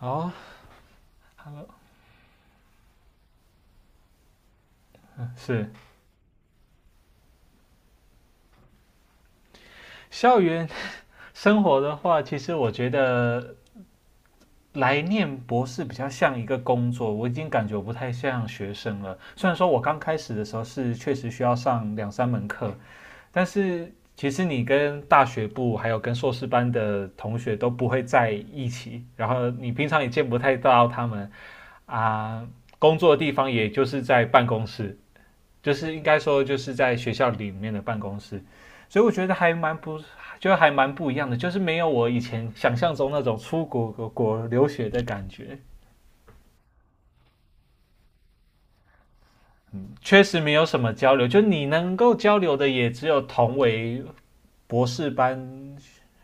哦，Hello，是。校园生活的话，其实我觉得来念博士比较像一个工作，我已经感觉我不太像学生了。虽然说我刚开始的时候是确实需要上两三门课，但是其实你跟大学部还有跟硕士班的同学都不会在一起，然后你平常也见不太到他们啊。工作的地方也就是在办公室，就是应该说就是在学校里面的办公室，所以我觉得还蛮不一样的，就是没有我以前想象中那种出国留学的感觉。确实没有什么交流，就你能够交流的也只有同为博士班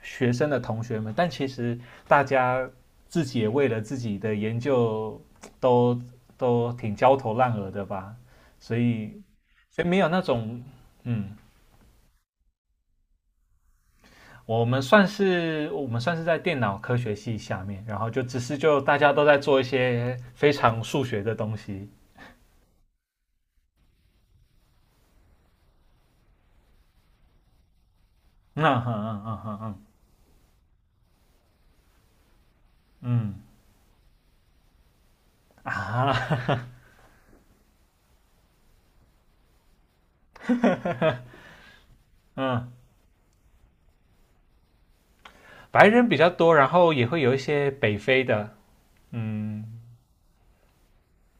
学生的同学们，但其实大家自己也为了自己的研究都都挺焦头烂额的吧。所以所以没有那种。嗯我们算是在电脑科学系下面，然后就只是就大家都在做一些非常数学的东西。嗯嗯嗯嗯嗯嗯嗯嗯。嗯白人比较多，然后也会有一些北非的。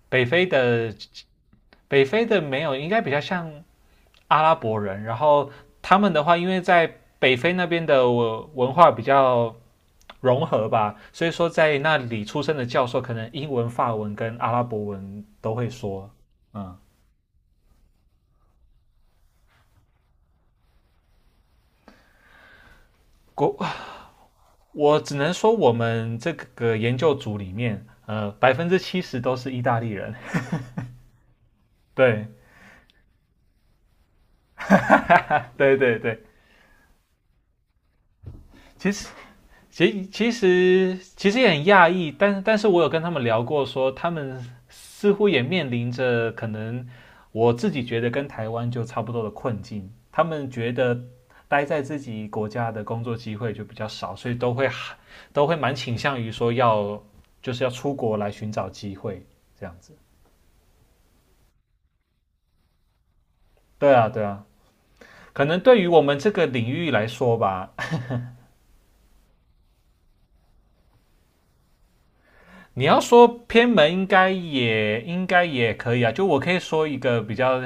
北非的北非的没有，应该比较像阿拉伯人。然后他们的话，因为在北非那边的文化比较融合吧，所以说在那里出生的教授可能英文、法文跟阿拉伯文都会说。嗯，国我只能说，我们这个研究组里面，70%都是意大利人。对，对，对，对。其实，其实也很讶异，但是我有跟他们聊过说，他们似乎也面临着可能我自己觉得跟台湾就差不多的困境。他们觉得待在自己国家的工作机会就比较少，所以都会蛮倾向于说要就是要出国来寻找机会这样子。对啊，对啊。可能对于我们这个领域来说吧，你要说偏门应该也可以啊。就我可以说一个比较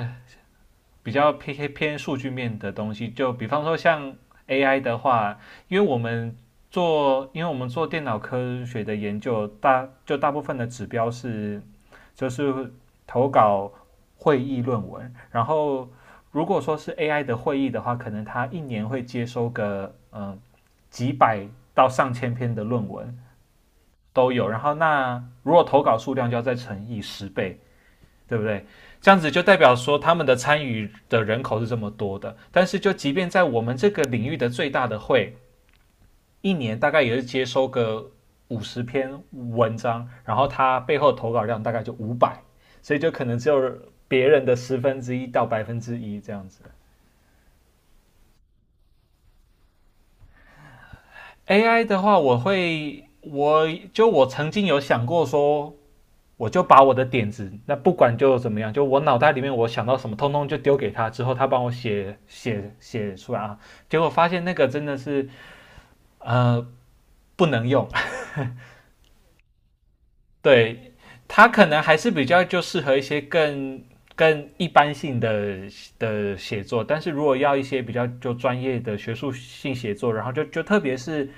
比较偏数据面的东西，就比方说像 AI 的话，因为我们做电脑科学的研究，大部分的指标是就是投稿会议论文，然后如果说是 AI 的会议的话，可能它一年会接收个几百到上千篇的论文。都有。然后那如果投稿数量就要再乘以10倍，对不对？这样子就代表说他们的参与的人口是这么多的。但是就即便在我们这个领域的最大的会，一年大概也是接收个50篇文章，然后它背后投稿量大概就500，所以就可能只有别人的1/10到1%这样子。AI 的话，我会，我曾经有想过说，我就把我的点子，那不管就怎么样，就我脑袋里面我想到什么，通通就丢给他，之后他帮我写出来啊。结果发现那个真的是呃不能用。对，他可能还是比较就适合一些更一般性的写作，但是如果要一些比较就专业的学术性写作，然后就特别是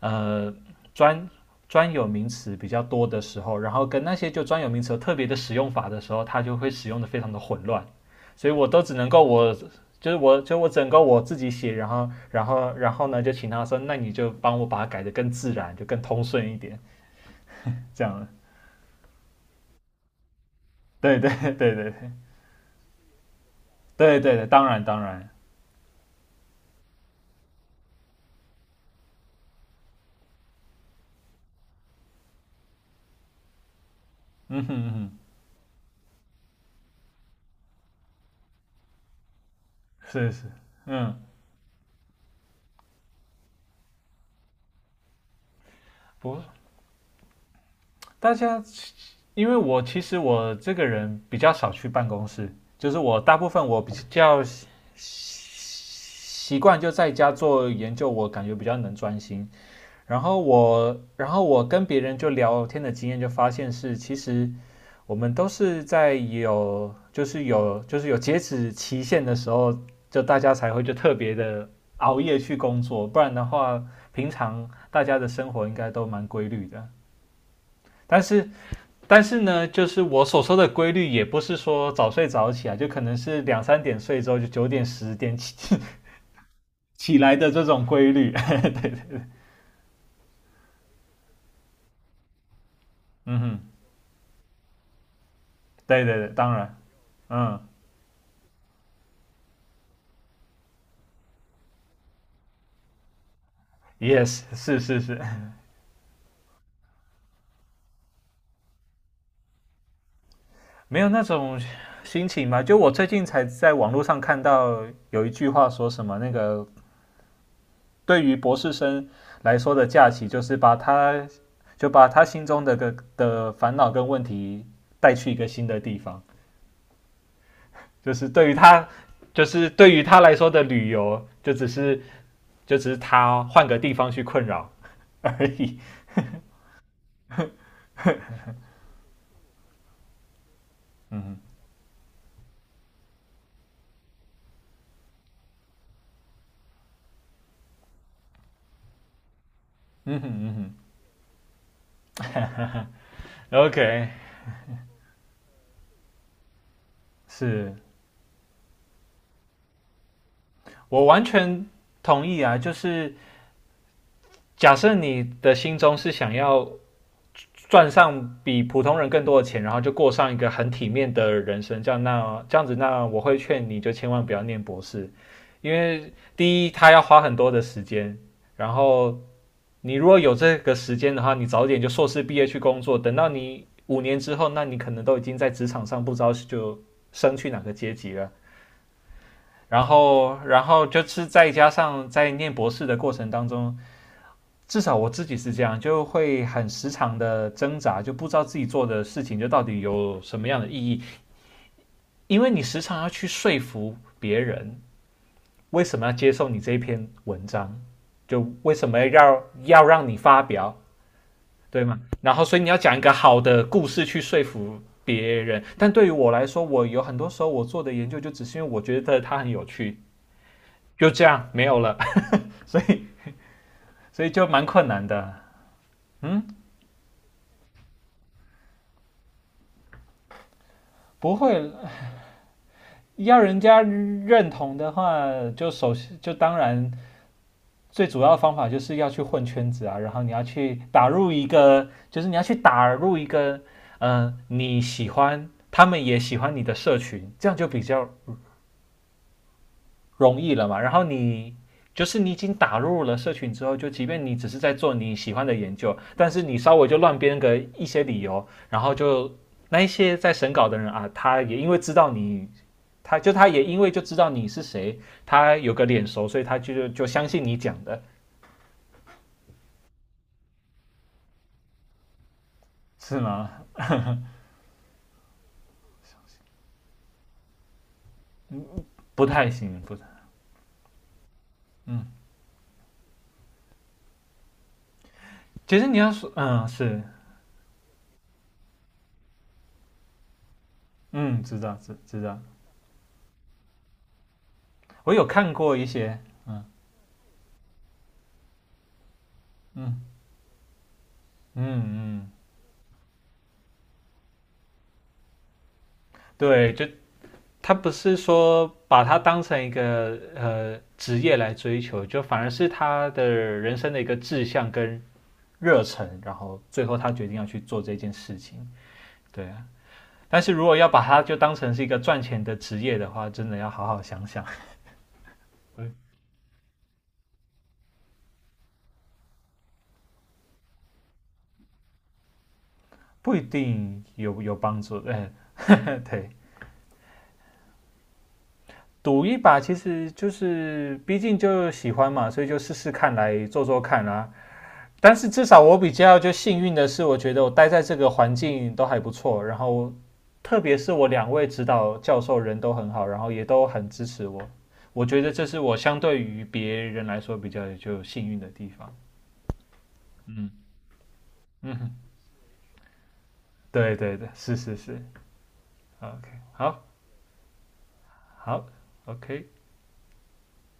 呃专专有名词比较多的时候，然后跟那些就专有名词有特别的使用法的时候，它就会使用的非常的混乱，所以我都只能够我就是我就我整个我自己写，然后呢就请他说，那你就帮我把它改的更自然，就更通顺一点，这样。对对对对对对对对，当然当然。嗯哼嗯哼。是是。嗯。不，大家因为我其实我这个人比较少去办公室，就是我大部分我比较习惯就在家做研究，我感觉比较能专心。然后我跟别人就聊天的经验，就发现是，其实我们都是在有，就是有，就是有截止期限的时候，就大家才会就特别的熬夜去工作，不然的话，平常大家的生活应该都蛮规律的。但是，但是呢，就是我所说的规律，也不是说早睡早起啊，就可能是两三点睡之后，就9点、10点来的这种规律。对对对。嗯哼。对对对，当然。嗯，yes，是是是。没有那种心情吧？就我最近才在网络上看到有一句话说什么，那个对于博士生来说的假期，就是把他心中的烦恼跟问题带去一个新的地方，就是对于他。就是对于他来说的旅游，就只是他换个地方去困扰而已。嗯哼嗯哼嗯哼。OK，是。我完全同意啊。就是假设你的心中是想要赚上比普通人更多的钱，然后就过上一个很体面的人生，这样子，那我会劝你就千万不要念博士，因为第一，他要花很多的时间，然后你如果有这个时间的话，你早点就硕士毕业去工作，等到你5年之后，那你可能都已经在职场上不知道就升去哪个阶级了。然后就是再加上在念博士的过程当中，至少我自己是这样，就会很时常的挣扎，就不知道自己做的事情就到底有什么样的意义，因为你时常要去说服别人为什么要接受你这一篇文章，就为什么要让你发表，对吗？然后，所以你要讲一个好的故事去说服别人。但对于我来说，我有很多时候我做的研究就只是因为我觉得它很有趣，就这样没有了。所以。所以就蛮困难的。嗯，不会。要人家认同的话，就首先就当然最主要的方法就是要去混圈子啊，然后你要去打入一个，嗯，你喜欢，他们也喜欢你的社群，这样就比较容易了嘛。然后你就是你已经打入了社群之后，就即便你只是在做你喜欢的研究，但是你稍微就乱编个一些理由，然后就那一些在审稿的人啊，他也因为就知道你是谁，他有个脸熟，所以他就相信你讲的，是吗？不太行，不太，嗯，其实你要说，嗯，是，嗯，知道，知道，我有看过一些。嗯嗯嗯嗯。对，就他不是说把它当成一个职业来追求，就反而是他的人生的一个志向跟热忱，然后最后他决定要去做这件事情，对啊，但是如果要把它就当成是一个赚钱的职业的话，真的要好好想想，不一定有帮助。哎，呵呵对。赌一把其实就是，毕竟就喜欢嘛，所以就试试看来做做看啦、但是至少我比较就幸运的是，我觉得我待在这个环境都还不错，然后特别是我两位指导教授人都很好，然后也都很支持我。我觉得这是我相对于别人来说比较就幸运的地方。嗯嗯，对对对，是是是，OK，好好，OK，